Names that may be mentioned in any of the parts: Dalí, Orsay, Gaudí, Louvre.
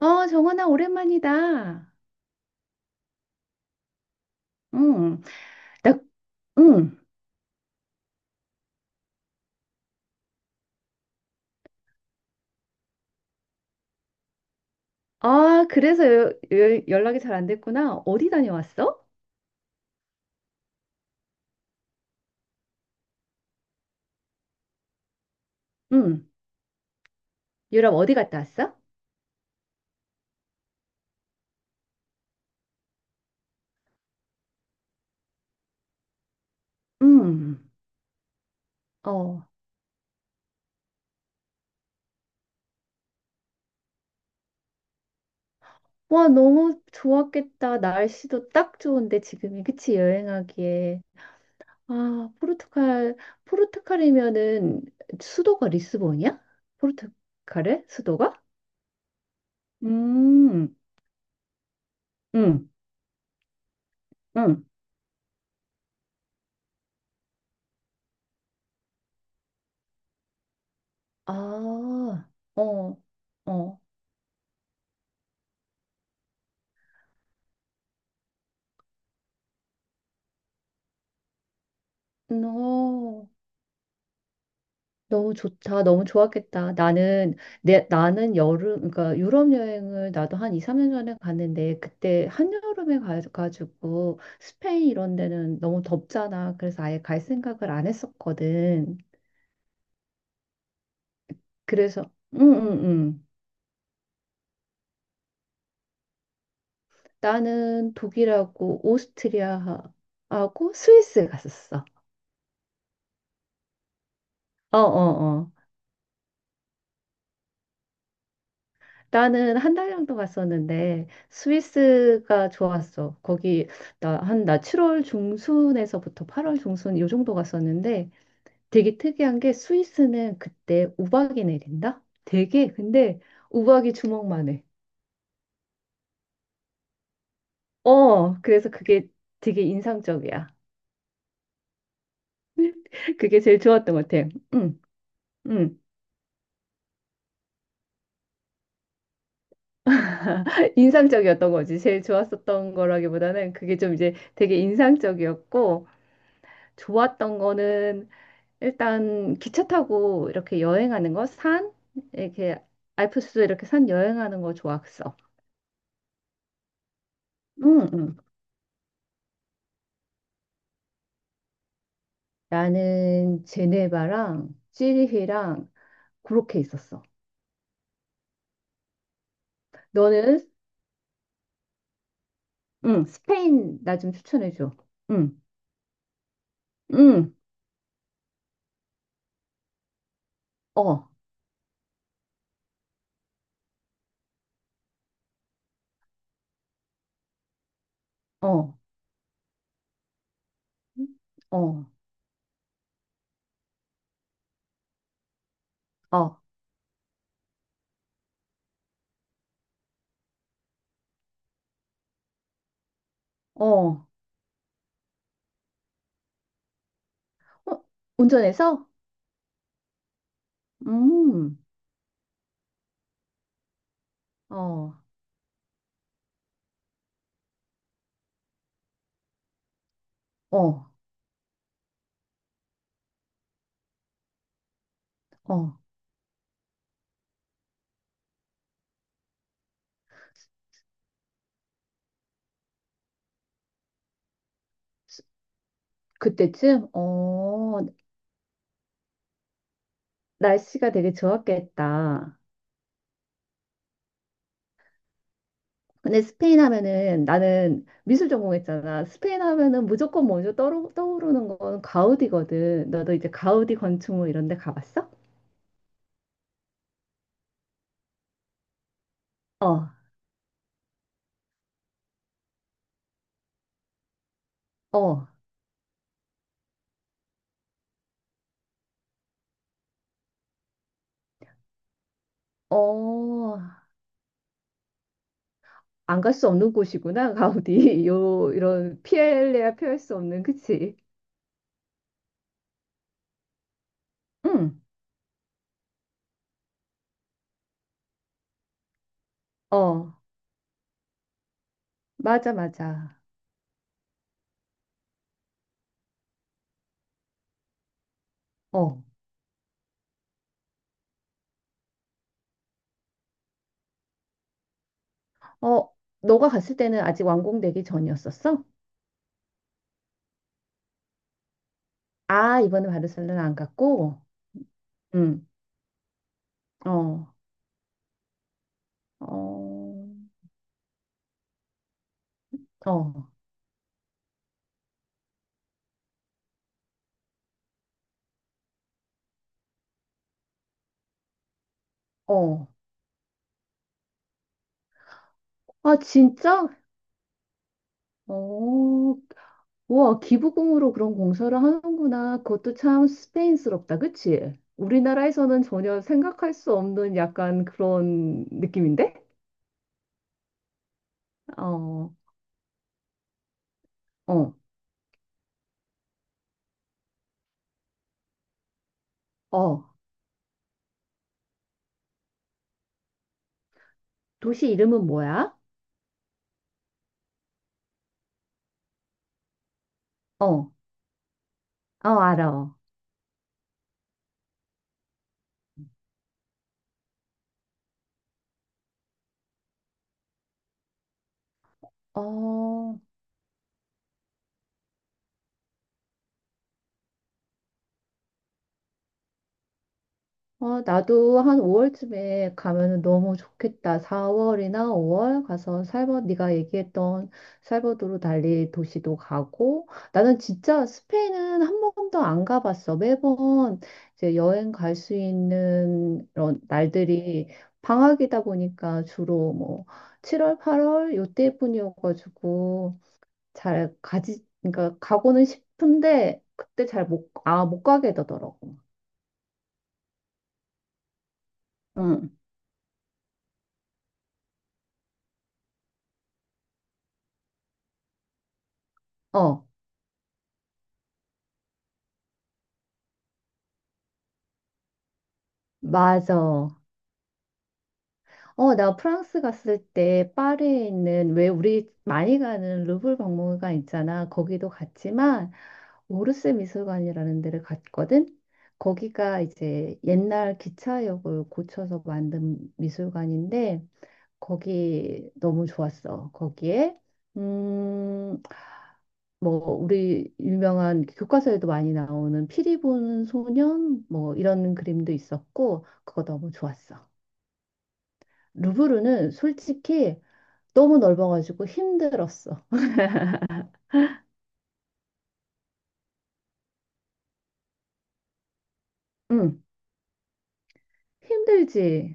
어, 정원아, 오랜만이다. 응, 나, 응. 아, 그래서 연락이 잘 안 됐구나. 어디 다녀왔어? 응, 유럽 어디 갔다 왔어? 응, 어. 와, 너무 좋았겠다. 날씨도 딱 좋은데, 지금이. 그치, 여행하기에. 아, 포르투갈이면은 수도가 리스본이야? 포르투갈의 수도가? 음, 응, 응. 아, 어, 어. 너. 너무 좋다. 너무 좋았겠다. 나는 여름 그러니까 유럽 여행을 나도 한 2, 3년 전에 갔는데 그때 한여름에 가 가지고 스페인 이런 데는 너무 덥잖아. 그래서 아예 갈 생각을 안 했었거든. 그래서 응응응. 나는 독일하고 오스트리아하고 스위스 갔었어. 어어어. 나는 한 달 정도 갔었는데 스위스가 좋았어. 거기 나 7월 중순에서부터 8월 중순 요 정도 갔었는데 되게 특이한 게 스위스는 그때 우박이 내린다? 되게 근데 우박이 주먹만 해. 어, 그래서 그게 되게 인상적이야. 그게 제일 좋았던 것 같아. 응, 응. 인상적이었던 거지. 제일 좋았었던 거라기보다는 그게 좀 이제 되게 인상적이었고 좋았던 거는 일단 기차 타고 이렇게 여행하는 거, 산, 이렇게 알프스 이렇게 산 여행하는 거 좋았어. 응, 응. 나는 제네바랑 찌리히랑 그렇게 있었어. 너는? 응, 스페인 나 좀 추천해줘. 응, 응, 어, 어, 어, 어, 어. 어, 운전해서? 음, 어, 어, 어. 그때쯤? 어, 날씨가 되게 좋았겠다. 근데 스페인 하면은 나는 미술 전공했잖아. 스페인 하면은 무조건 먼저 떠오르는 건 가우디거든. 너도 이제 가우디 건축물 이런 데 가봤어? 어, 어, 어. 안 갈 수 없는 곳이구나, 가우디. 이런 피엘레야 피할 수 없는, 그치? 응, 어, 맞아, 맞아. 어, 어, 너가 갔을 때는 아직 완공되기 전이었었어? 아, 이번에 바르셀로나 안 갔고? 응, 어, 어, 어. 어. 아, 진짜? 어, 와, 기부금으로 그런 공사를 하는구나. 그것도 참 스페인스럽다, 그치? 우리나라에서는 전혀 생각할 수 없는 약간 그런 느낌인데? 어, 어, 어. 도시 이름은 뭐야? 어, 어, 알아. 어. 어, 나도 한 5월쯤에 가면은 너무 좋겠다. 4월이나 5월 가서 네가 얘기했던 살버도르 달리 도시도 가고, 나는 진짜 스페인은 한 번도 안 가봤어. 매번 이제 여행 갈 수 있는 그런 날들이 방학이다 보니까 주로 뭐 7월, 8월 요때뿐이어가지고 잘 가지, 그러니까 가고는 싶은데 그때 잘 못, 아, 못 가게 되더라고. 응. 어, 맞아. 어, 나 프랑스 갔을 때 파리에 있는 왜 우리 많이 가는 루브르 박물관 있잖아. 거기도 갔지만 오르세 미술관이라는 데를 갔거든. 거기가 이제 옛날 기차역을 고쳐서 만든 미술관인데 거기 너무 좋았어. 거기에 음, 뭐 우리 유명한 교과서에도 많이 나오는 피리 부는 소년 뭐 이런 그림도 있었고 그거 너무 좋았어. 루브르는 솔직히 너무 넓어가지고 힘들었어. 응, 힘들지.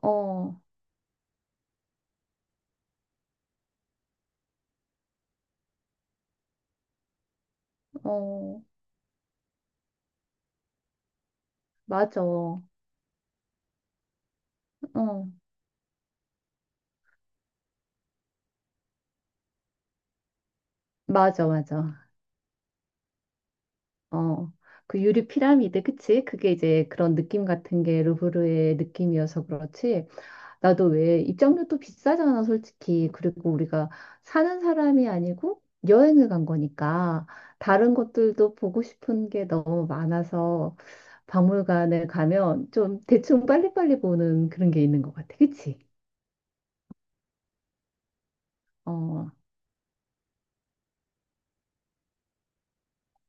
어, 어, 맞아. 어, 맞아, 맞아. 어, 그 유리 피라미드, 그치? 그게 이제 그런 느낌 같은 게 루브르의 느낌이어서 그렇지. 나도 왜 입장료도 비싸잖아, 솔직히. 그리고 우리가 사는 사람이 아니고 여행을 간 거니까 다른 것들도 보고 싶은 게 너무 많아서 박물관에 가면 좀 대충 빨리빨리 보는 그런 게 있는 것 같아. 그치? 어,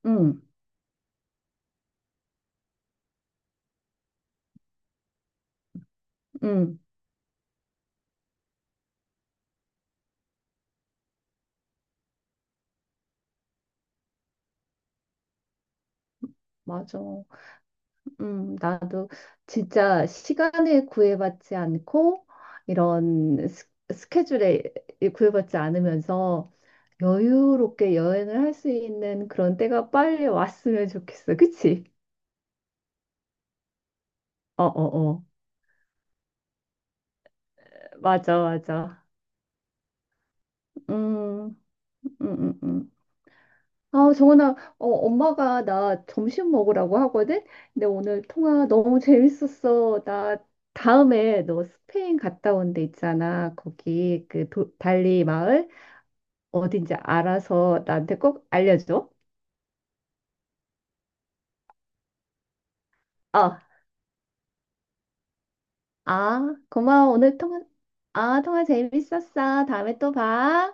응, 응, 맞아. 나도 진짜 시간에 구애받지 않고 이런 스케줄에 구애받지 않으면서 여유롭게 여행을 할 수 있는 그런 때가 빨리 왔으면 좋겠어. 그치? 어, 어, 어. 맞아, 맞아. 음, 음, 음, 음. 아, 정원아, 엄마가 나 점심 먹으라고 하거든? 근데 오늘 통화 너무 재밌었어. 나 다음에 너 스페인 갔다 온데 있잖아. 거기 그 달리 마을 어딘지 알아서 나한테 꼭 알려줘. 어, 아, 고마워. 오늘 통화 재밌었어. 다음에 또 봐.